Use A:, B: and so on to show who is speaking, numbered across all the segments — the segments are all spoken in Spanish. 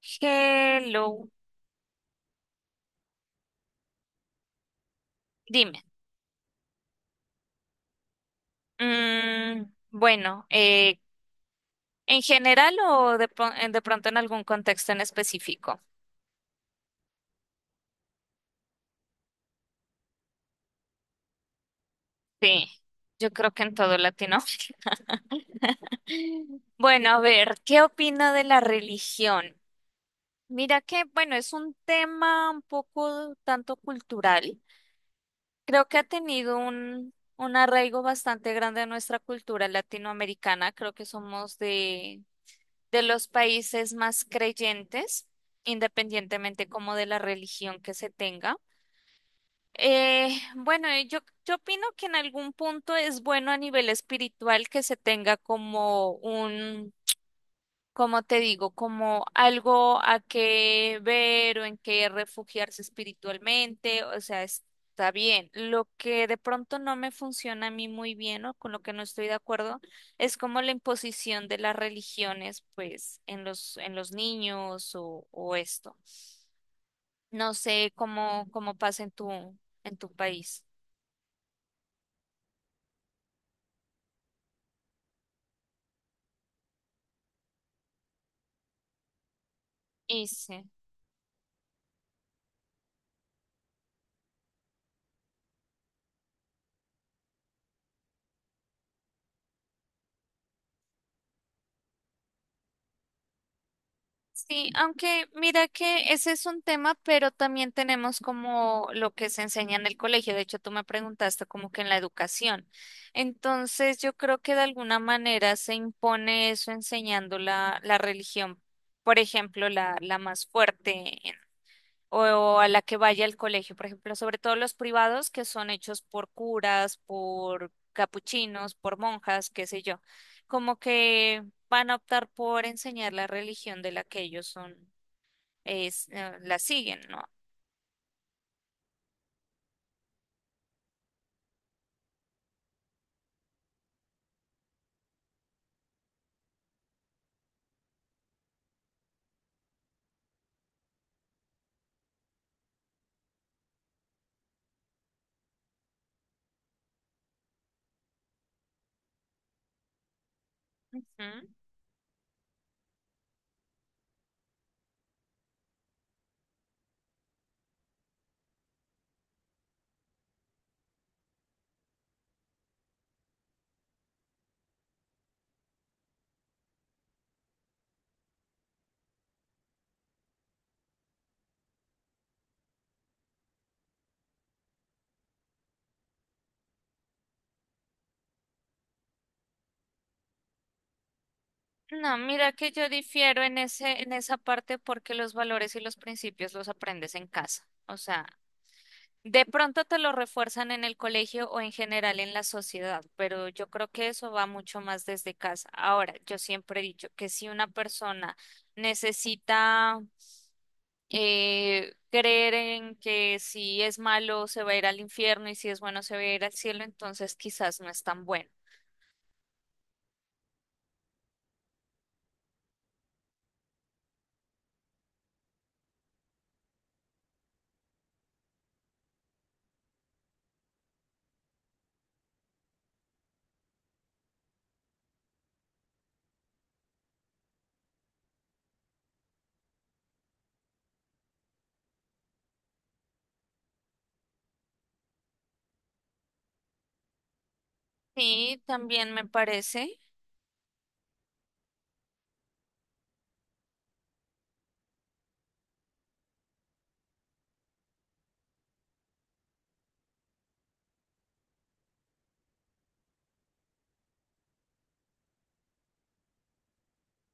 A: Hello, dime. Mm, bueno, ¿en general o de, de pronto en algún contexto en específico? Sí, yo creo que en todo latino. Bueno, a ver, ¿qué opina de la religión? Mira que, bueno, es un tema un poco tanto cultural. Creo que ha tenido un arraigo bastante grande en nuestra cultura latinoamericana. Creo que somos de los países más creyentes, independientemente como de la religión que se tenga. Bueno, y yo opino que en algún punto es bueno a nivel espiritual que se tenga como un como te digo, como algo a qué ver o en qué refugiarse espiritualmente, o sea, está bien. Lo que de pronto no me funciona a mí muy bien o con lo que no estoy de acuerdo es como la imposición de las religiones, pues, en los niños o esto. No sé cómo, cómo pasa en en tu país. Y sí. Sí, aunque mira que ese es un tema, pero también tenemos como lo que se enseña en el colegio. De hecho, tú me preguntaste como que en la educación. Entonces, yo creo que de alguna manera se impone eso enseñando la religión, por ejemplo, la más fuerte o a la que vaya al colegio, por ejemplo, sobre todo los privados que son hechos por curas, por capuchinos, por monjas, qué sé yo, como que van a optar por enseñar la religión de la que ellos son, es, la siguen, ¿no? Ujú. No, mira que yo difiero en en esa parte porque los valores y los principios los aprendes en casa. O sea, de pronto te lo refuerzan en el colegio o en general en la sociedad, pero yo creo que eso va mucho más desde casa. Ahora, yo siempre he dicho que si una persona necesita creer en que si es malo se va a ir al infierno y si es bueno se va a ir al cielo, entonces quizás no es tan bueno. Sí, también me parece.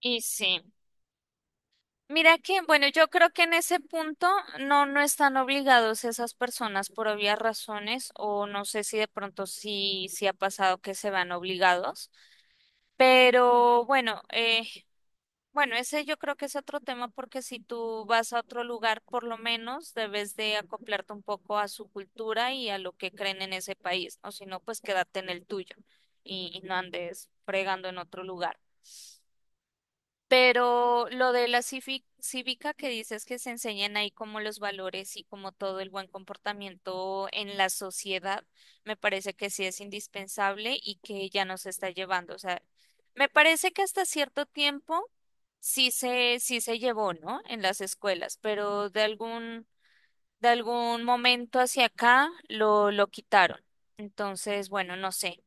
A: Y sí. Mira que, bueno, yo creo que en ese punto no, no están obligados esas personas por obvias razones, o no sé si de pronto sí, sí ha pasado que se van obligados, pero bueno, bueno, ese yo creo que es otro tema porque si tú vas a otro lugar, por lo menos debes de acoplarte un poco a su cultura y a lo que creen en ese país, o si no, pues quédate en el tuyo y no andes fregando en otro lugar. Pero lo de la cívica que dices que se enseñan ahí como los valores y como todo el buen comportamiento en la sociedad, me parece que sí es indispensable y que ya nos está llevando. O sea, me parece que hasta cierto tiempo sí sí se llevó, ¿no? En las escuelas, pero de algún momento hacia acá lo quitaron. Entonces, bueno, no sé.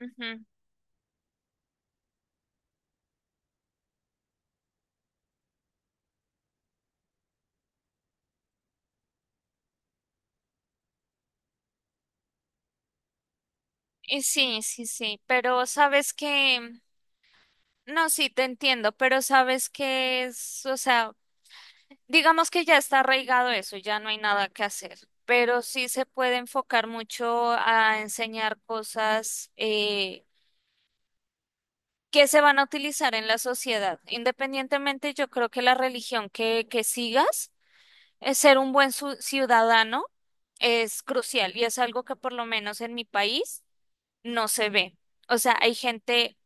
A: Ujú. Y sí, sí, sí, pero sabes que no, sí, te entiendo, pero sabes que es, o sea, digamos que ya está arraigado eso, ya no hay nada que hacer, pero sí se puede enfocar mucho a enseñar cosas que se van a utilizar en la sociedad. Independientemente, yo creo que la religión que sigas, ser un ciudadano es crucial y es algo que por lo menos en mi país no se ve. O sea, hay gente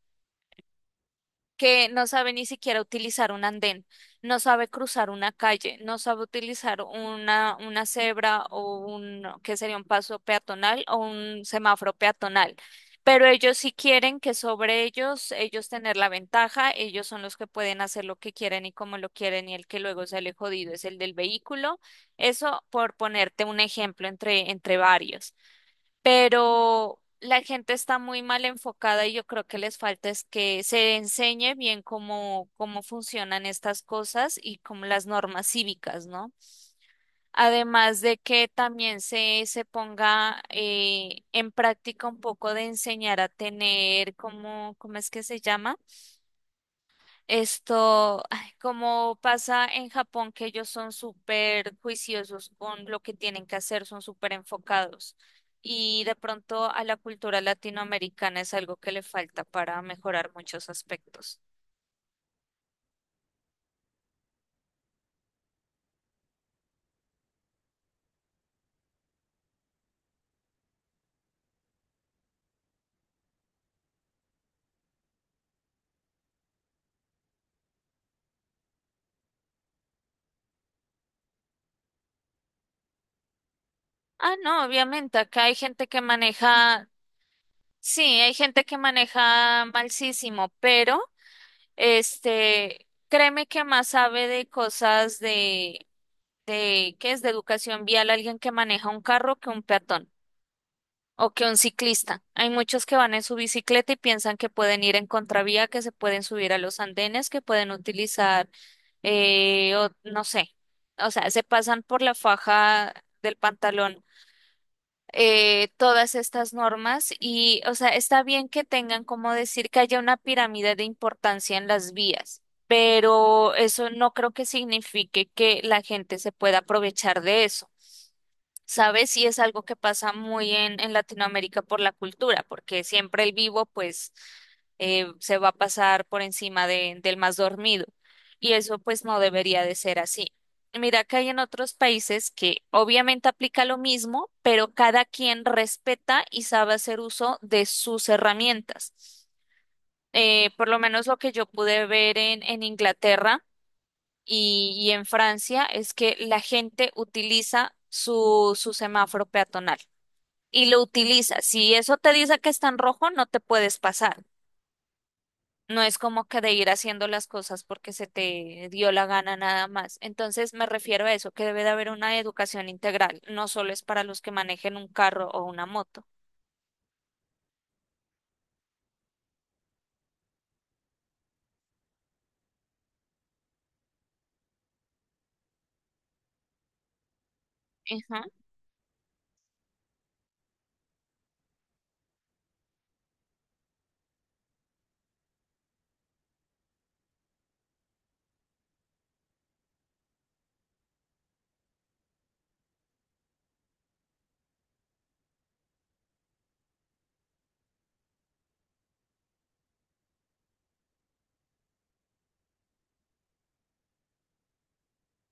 A: que no sabe ni siquiera utilizar un andén, no sabe cruzar una calle, no sabe utilizar una cebra o un, que sería un paso peatonal o un semáforo peatonal. Pero ellos sí quieren que sobre ellos, ellos tener la ventaja, ellos son los que pueden hacer lo que quieren y como lo quieren y el que luego sale jodido es el del vehículo. Eso por ponerte un ejemplo entre, entre varios, pero la gente está muy mal enfocada y yo creo que les falta es que se enseñe bien cómo, cómo funcionan estas cosas y como las normas cívicas, ¿no? Además de que también se ponga en práctica un poco de enseñar a tener, ¿cómo, cómo es que se llama? Esto, ay, como pasa en Japón, que ellos son súper juiciosos con lo que tienen que hacer, son súper enfocados. Y de pronto a la cultura latinoamericana es algo que le falta para mejorar muchos aspectos. Ah, no, obviamente, acá hay gente que maneja, sí, hay gente que maneja malsísimo, pero este, créeme que más sabe de cosas de, ¿qué es? De educación vial alguien que maneja un carro que un peatón, o que un ciclista. Hay muchos que van en su bicicleta y piensan que pueden ir en contravía, que se pueden subir a los andenes, que pueden utilizar, no sé, o sea, se pasan por la faja del pantalón. Todas estas normas y, o sea, está bien que tengan como decir que haya una pirámide de importancia en las vías, pero eso no creo que signifique que la gente se pueda aprovechar de eso. ¿Sabes? Y es algo que pasa muy en Latinoamérica por la cultura, porque siempre el vivo, pues, se va a pasar por encima del más dormido. Y eso, pues, no debería de ser así. Mira que hay en otros países que obviamente aplica lo mismo, pero cada quien respeta y sabe hacer uso de sus herramientas. Por lo menos lo que yo pude ver en Inglaterra y en Francia es que la gente utiliza su semáforo peatonal y lo utiliza. Si eso te dice que está en rojo, no te puedes pasar. No es como que de ir haciendo las cosas porque se te dio la gana nada más. Entonces me refiero a eso, que debe de haber una educación integral, no solo es para los que manejen un carro o una moto. Ujú,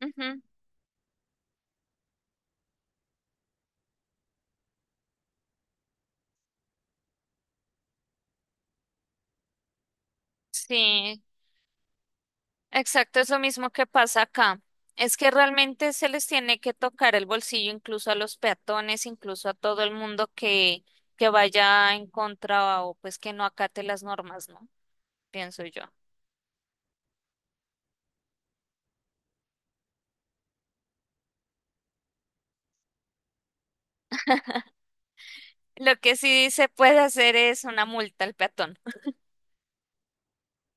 A: ujú. Sí, exacto, es lo mismo que pasa acá. Es que realmente se les tiene que tocar el bolsillo incluso a los peatones, incluso a todo el mundo que vaya en contra o pues que no acate las normas, ¿no? Pienso yo. Lo que sí se puede hacer es una multa al peatón,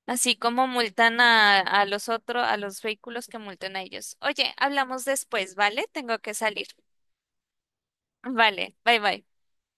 A: así como multan a los otros, a los vehículos que multen a ellos. Oye, hablamos después, ¿vale? Tengo que salir. Vale, bye bye.